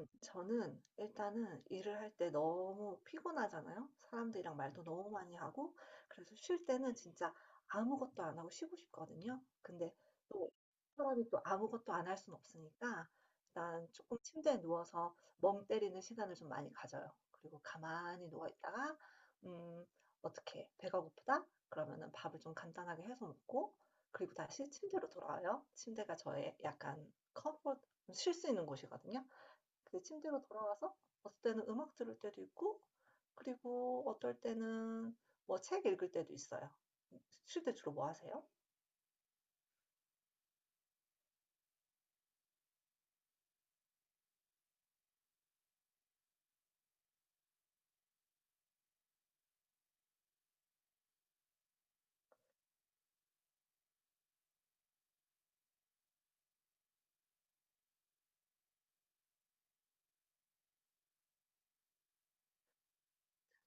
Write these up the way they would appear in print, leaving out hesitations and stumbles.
저는 일단은 일을 할 때 너무 피곤하잖아요. 사람들이랑 말도 너무 많이 하고 그래서 쉴 때는 진짜 아무것도 안 하고 쉬고 싶거든요. 근데 또 사람이 또 아무것도 안 할 수는 없으니까 일단 조금 침대에 누워서 멍 때리는 시간을 좀 많이 가져요. 그리고 가만히 누워 있다가 음 어떻게 배가 고프다? 그러면은 밥을 좀 간단하게 해서 먹고 그리고 다시 침대로 돌아와요. 침대가 저의 약간 컴포트 쉴 수 있는 곳이거든요. 그 침대로 돌아와서 어떨 때는 음악 들을 때도 있고 그리고 어떨 때는 뭐 책 읽을 때도 있어요. 쉴 때 주로 뭐 하세요?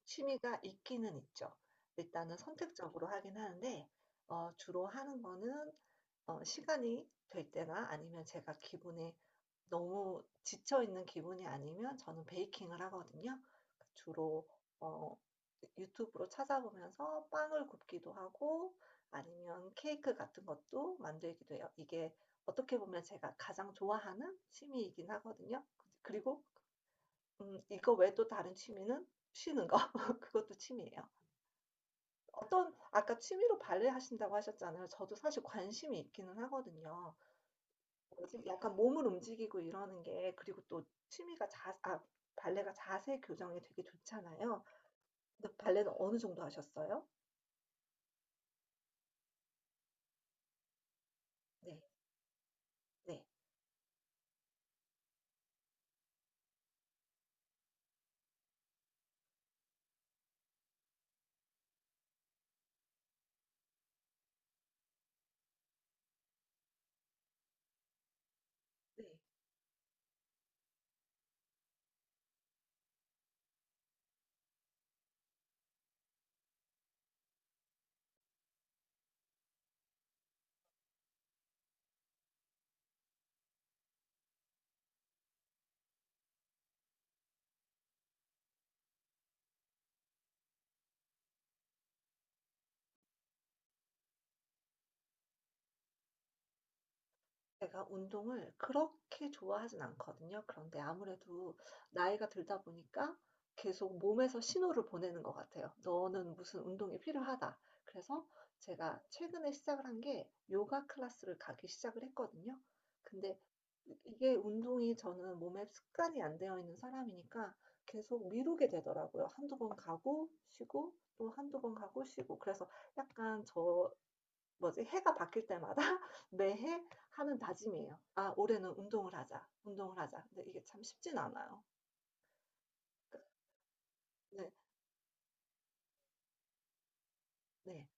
취미가 있기는 있죠. 일단은 선택적으로 하긴 하는데 주로 하는 거는 시간이 될 때나 아니면 제가 기분에 너무 지쳐 있는 기분이 아니면 저는 베이킹을 하거든요. 그러니까 주로 어 유튜브로 찾아보면서 빵을 굽기도 하고 아니면 케이크 같은 것도 만들기도 해요. 이게 어떻게 보면 제가 가장 좋아하는 취미이긴 하거든요. 그리고 이거 외에 또 다른 취미는 쉬는 거 그것도 취미예요. 어떤 아까 취미로 발레 하신다고 하셨잖아요. 저도 사실 관심이 있기는 하거든요. 지 약간 몸을 움직이고 이러는 게 그리고 또 취미가 발레가 자세 교정에 되게 좋잖아요. 근데 발레는 어느 정도 하셨어요? 네, 네, 네. 제가 운동을 그렇게 좋아하진 않거든요. 그런데 아무래도 나이가 들다 보니까 계속 몸에서 신호를 보내는 것 같아요. "너는 무슨 운동이 필요하다." 그래서 제가 최근에 시작을 한게 요가 클래스를 가기 시작을 했거든요. 근데 이 이게 운동이 저는 몸에 습관이 안 되어 있는 사람이니까 계속 미루게 되더라고요. 한두 번 가고 쉬고 또 한두 번 가고 쉬고. 그래서 약간 뭐지? 해가 바뀔 때마다 매해 하는 다짐이에요. '아 올해는 운동을 하자. 운동을 하자.' 근데 이게 참 쉽진 않아요. 그 네. 네.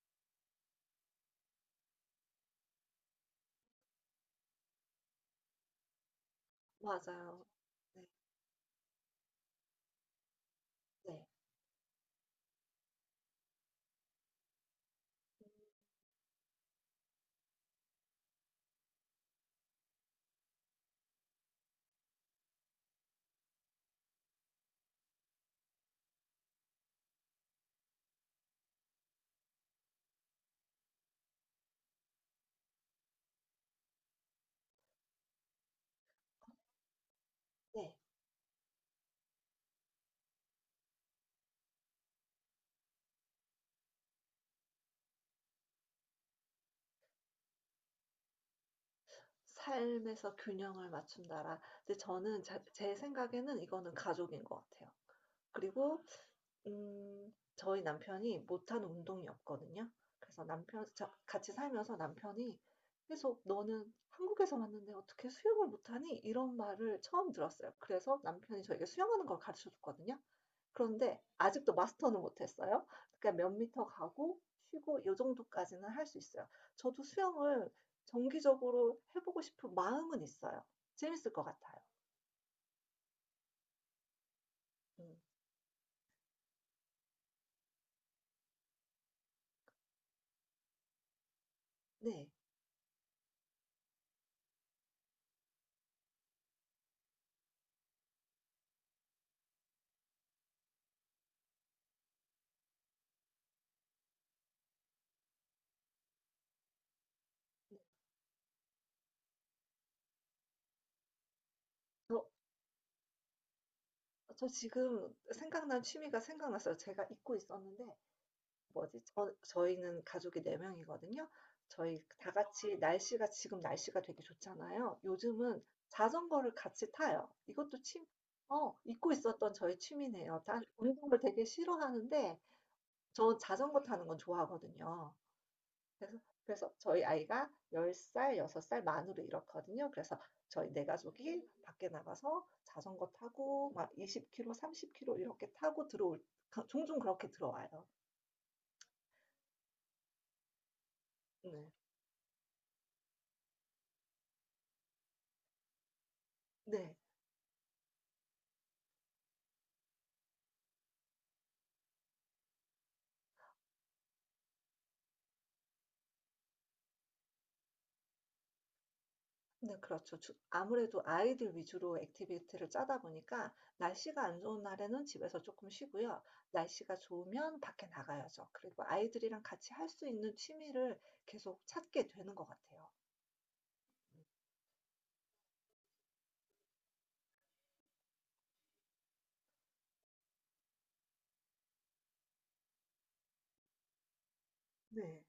맞아요. 네. 네. 네. '삶에서 균형을 맞춘다라.' 근데 저는 자 제 생각에는 이거는 가족인 것 같아요. 그리고 저희 남편이 못하는 운동이 없거든요. 그래서 남편 저 같이 살면서 남편이 계속 "너는 한국에서 왔는데 어떻게 수영을 못하니?" 이런 말을 처음 들었어요. 그래서 남편이 저에게 수영하는 걸 가르쳐 줬거든요. 그런데 아직도 마스터는 못했어요. 그러니까 몇 미터 가고 쉬고 요 정도까지는 할 수 있어요. 저도 수영을 정기적으로 해 보고 싶은 마음은 있어요. 재밌을 것 같아요. 음 네. 네. 저 저 지금 생각난 취미가 생각났어요. 제가 잊고 있었는데 뭐지? 저희는 가족이 4 명이거든요. 저희 다 같이 날씨가 지금 날씨가 되게 좋잖아요. 요즘은 자전거를 같이 타요. 이것도 취 어 잊고 있었던 저의 취미네요. 난 운동을 되게 싫어하는데 저 자전거 타는 건 좋아하거든요. 그래서 그래서 저희 아이가 10살, 6살 만으로 이렇거든요. 그래서 저희 네 가족이 밖에 나가서 자전거 타고 막 20km, 30km 이렇게 타고 들어올 종종 그렇게 들어와요. 네. 네. 네, 그렇죠. 아무래도 아이들 위주로 액티비티를 짜다 보니까 날씨가 안 좋은 날에는 집에서 조금 쉬고요. 날씨가 좋으면 밖에 나가야죠. 그리고 아이들이랑 같이 할 수 있는 취미를 계속 찾게 되는 것 같아요. 네.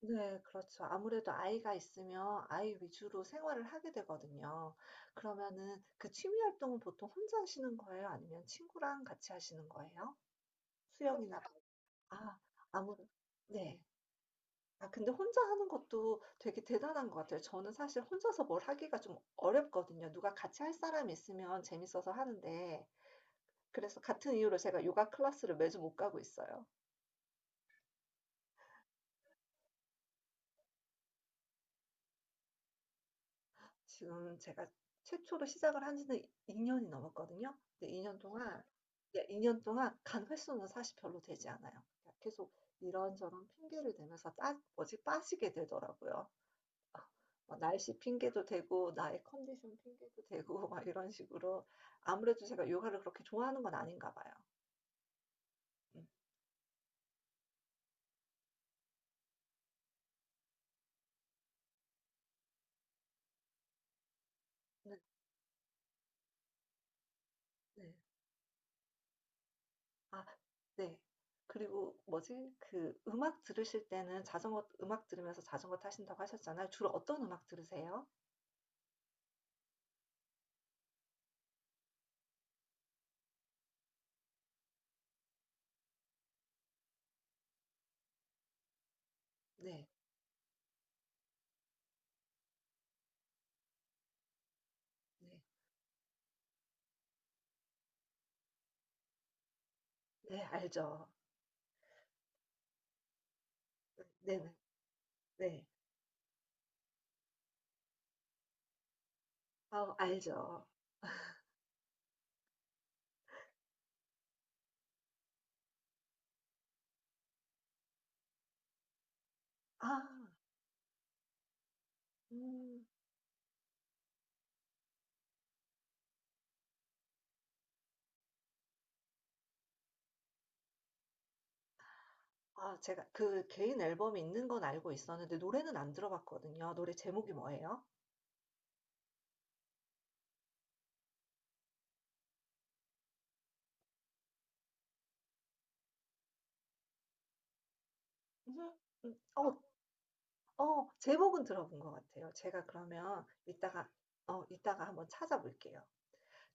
네 그렇죠. 아무래도 아이가 있으면 아이 위주로 생활을 하게 되거든요. 그러면은 그 취미 활동은 보통 혼자 하시는 거예요? 아니면 친구랑 같이 하시는 거예요? 수영이나 혼자요. 뭐 아 아무래 네. 아 근데 혼자 하는 것도 되게 대단한 것 같아요. 저는 사실 혼자서 뭘 하기가 좀 어렵거든요. 누가 같이 할 사람이 있으면 재밌어서 하는데 그래서 같은 이유로 제가 요가 클래스를 매주 못 가고 있어요. 지금 제가 최초로 시작을 한 지는 2 년이 넘었거든요. 근데 2년 동안 예 2 년 동안 간 횟수는 사실 별로 되지 않아요. 계속 이런저런 핑계를 대면서 빠 뭐지 빠지게 되더라고요. 아 뭐 날씨 핑계도 되고 나의 컨디션 핑계도 되고 막 이런 식으로 아무래도 제가 요가를 그렇게 좋아하는 건 아닌가 봐요. 음. 네 네. 아 네. 그리고 뭐지 그 음악 들으실 때는 자전거 음악 들으면서 자전거 타신다고 하셨잖아요. 주로 어떤 음악 들으세요? 네. 네. 네 알죠. 네 네네. 네. 아 알죠. 아. 음. 아 제가 그 개인 앨범이 있는 건 알고 있었는데 노래는 안 들어봤거든요. 노래 제목이 뭐예요? 음. 음. 제목은 들어본 것 같아요. 제가 그러면 이따가 한번 찾아볼게요.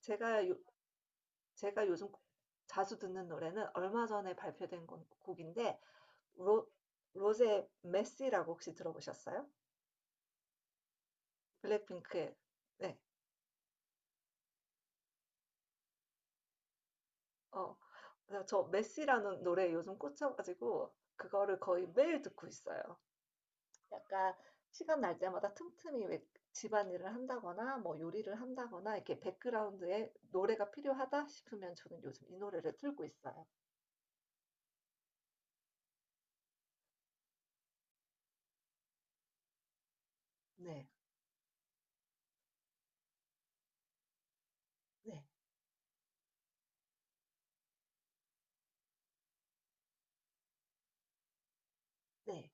제가 요 제가 요즘 자주 듣는 노래는 얼마 전에 발표된 건 곡인데 로 로제 메시라고 혹시 들어보셨어요? 블랙핑크의 네. 어. 그래서 저 메시라는 노래에 요즘 꽂혀 가지고 그거를 거의 매일 듣고 있어요. 약간 시간 날 때마다 틈틈이 왜 집안일을 한다거나 뭐 요리를 한다거나 이렇게 백그라운드에 노래가 필요하다 싶으면 저는 요즘 이 노래를 틀고 있어요. 네. 네. 네.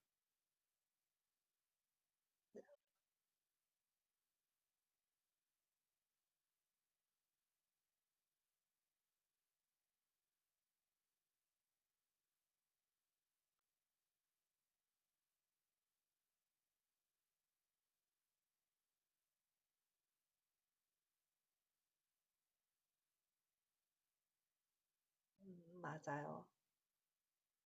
맞아요.